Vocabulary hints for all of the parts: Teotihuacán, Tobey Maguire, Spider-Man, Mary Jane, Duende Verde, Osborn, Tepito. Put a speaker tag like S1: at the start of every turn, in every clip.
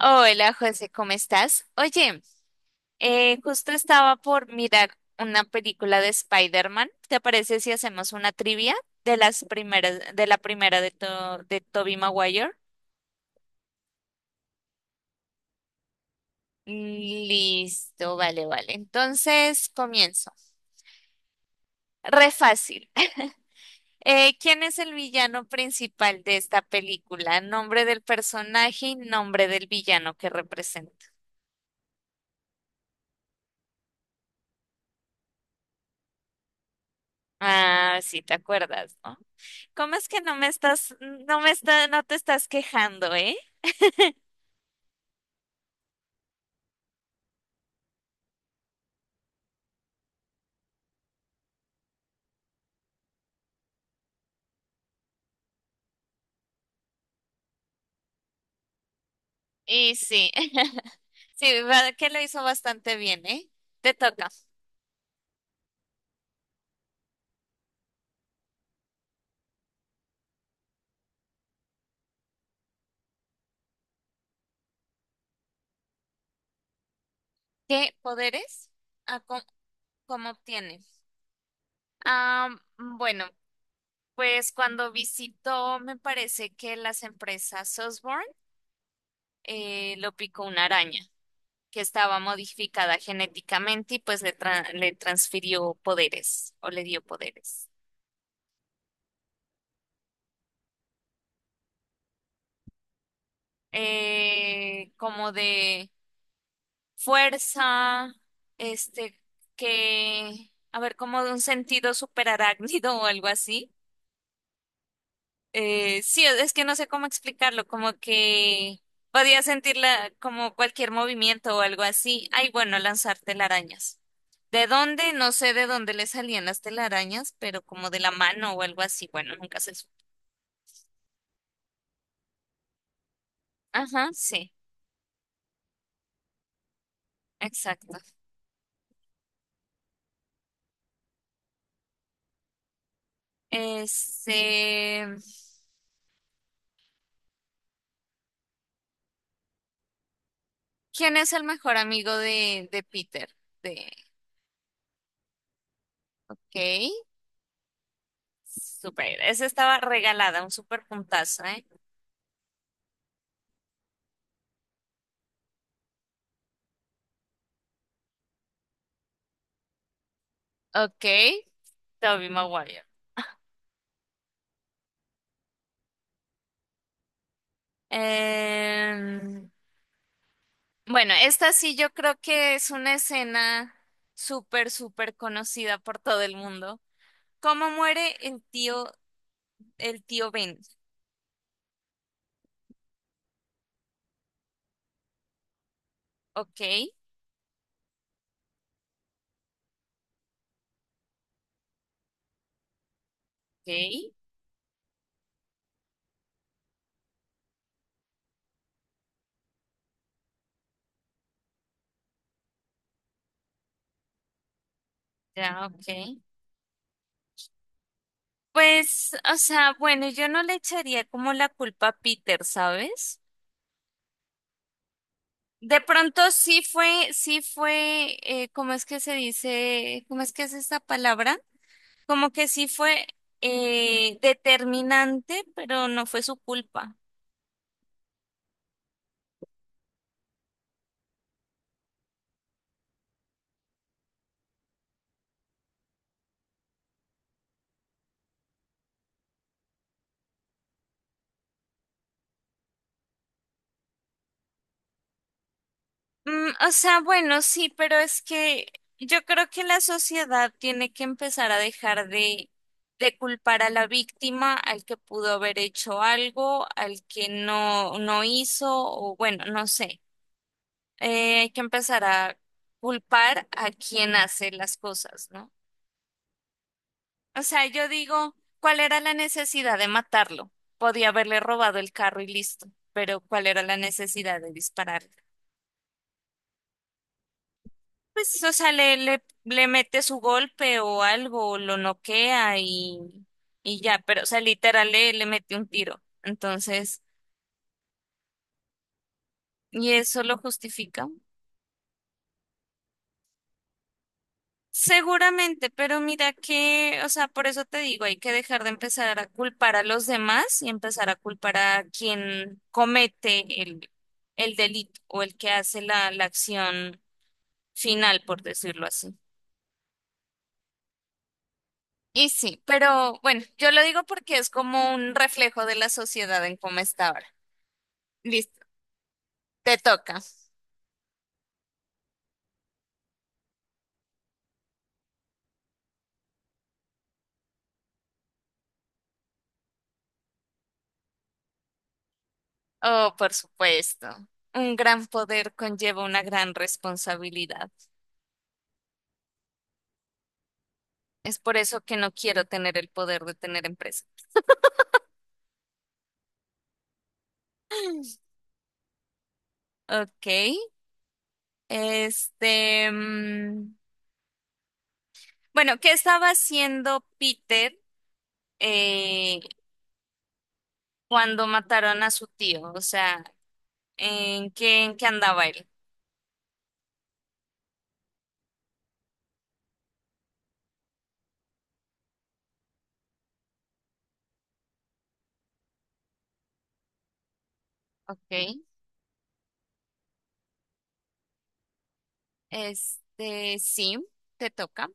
S1: Hola José, ¿cómo estás? Oye, justo estaba por mirar una película de Spider-Man. ¿Te parece si hacemos una trivia de las primeras, de la primera de, de Tobey Maguire? Listo, vale, vale. Entonces comienzo. Re fácil. ¿Quién es el villano principal de esta película? Nombre del personaje y nombre del villano que representa. Ah, sí, te acuerdas, ¿no? ¿Cómo es que no me estás, no me está, no te estás quejando, eh? Y sí, sí, que lo hizo bastante bien, ¿eh? Te toca. ¿Qué poderes? Ah, ¿cómo, ¿Cómo obtiene? Ah, bueno, pues cuando visitó, me parece que las empresas Sosborn, lo picó una araña que estaba modificada genéticamente y pues le transfirió poderes o le dio poderes. Como de fuerza, este, que, a ver, como de un sentido superarácnido o algo así. Sí, es que no sé cómo explicarlo, como que podía sentirla como cualquier movimiento o algo así. Ay, bueno, lanzar telarañas. ¿De dónde? No sé de dónde le salían las telarañas, pero como de la mano o algo así. Bueno, nunca se supo. Ajá, sí, exacto. Este, ¿Quién es el mejor amigo de Peter? De Kate. Super, esa estaba regalada, un super puntazo, ¿eh? Ok. Tobey Maguire. Em, bueno, esta sí yo creo que es una escena súper, súper conocida por todo el mundo. ¿Cómo muere el tío Ben? Ok. Ok, ya, ok. Pues, o sea, bueno, yo no le echaría como la culpa a Peter, ¿sabes? De pronto sí fue, ¿cómo es que se dice? ¿Cómo es que es esta palabra? Como que sí fue determinante, pero no fue su culpa. Mm, o sea, bueno, sí, pero es que yo creo que la sociedad tiene que empezar a dejar de culpar a la víctima, al que pudo haber hecho algo, al que no, no hizo, o bueno, no sé. Hay que empezar a culpar a quien hace las cosas, ¿no? O sea, yo digo, ¿cuál era la necesidad de matarlo? Podía haberle robado el carro y listo, pero ¿cuál era la necesidad de dispararle? Pues, o sea, le mete su golpe o algo, lo noquea y ya, pero, o sea, literal le mete un tiro. Entonces, ¿y eso lo justifica? Seguramente, pero mira que, o sea, por eso te digo, hay que dejar de empezar a culpar a los demás y empezar a culpar a quien comete el delito o el que hace la acción final, por decirlo así. Y sí, pero bueno, yo lo digo porque es como un reflejo de la sociedad en cómo está ahora. Listo, te toca. Oh, por supuesto. Un gran poder conlleva una gran responsabilidad. Es por eso que no quiero tener el poder de tener empresa. Ok, este, mm, bueno, ¿qué estaba haciendo Peter eh, cuando mataron a su tío? O sea, ¿en qué andaba él? Ok, este, sí, te toca.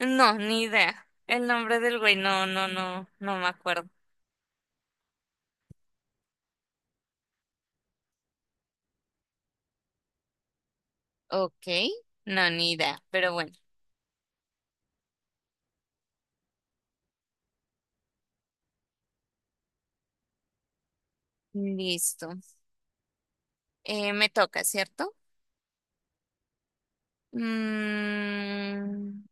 S1: No, ni idea. El nombre del güey, no me acuerdo. Ok, no, ni idea, pero bueno, listo. Me toca, ¿cierto? Mm,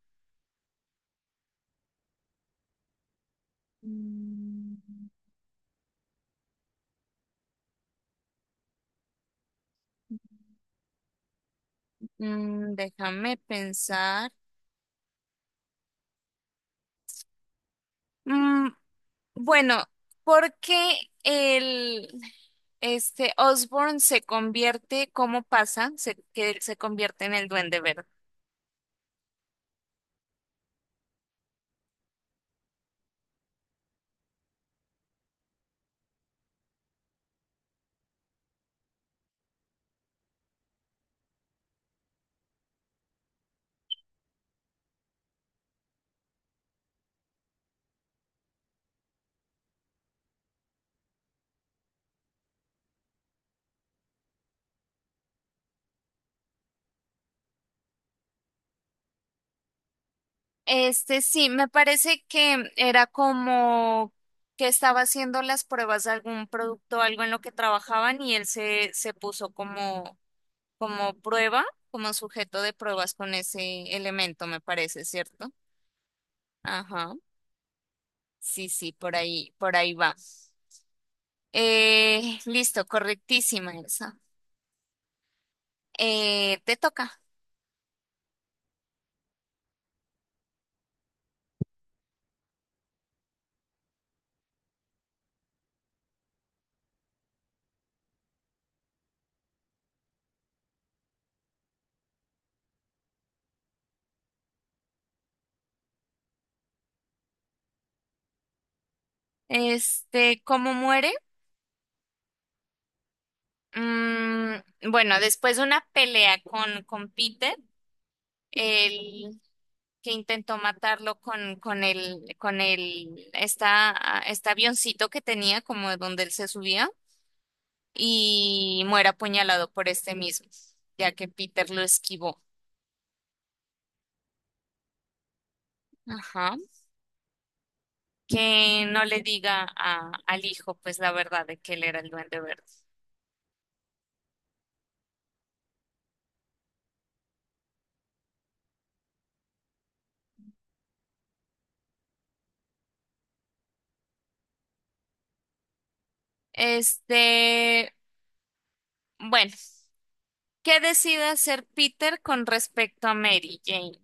S1: mm, Déjame pensar. Mm, bueno, porque el este Osborn se convierte, ¿cómo pasa? Que él se convierte en el Duende Verde. Este sí, me parece que era como que estaba haciendo las pruebas de algún producto, algo en lo que trabajaban y se puso como, como prueba, como sujeto de pruebas con ese elemento, me parece, ¿cierto? Ajá. Sí, sí, por ahí va. Listo, correctísima esa. Te toca. Este, ¿cómo muere? Mm, bueno, después de una pelea con Peter, el que intentó matarlo con, con el, esta, este avioncito que tenía, como de donde él se subía, y muere apuñalado por este mismo, ya que Peter lo esquivó. Ajá. Que no le diga al hijo, pues la verdad de que él era el duende verde. Este, bueno, ¿qué decide hacer Peter con respecto a Mary Jane?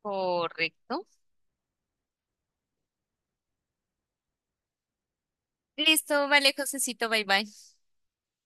S1: Correcto. Listo, vale, Josecito, bye bye.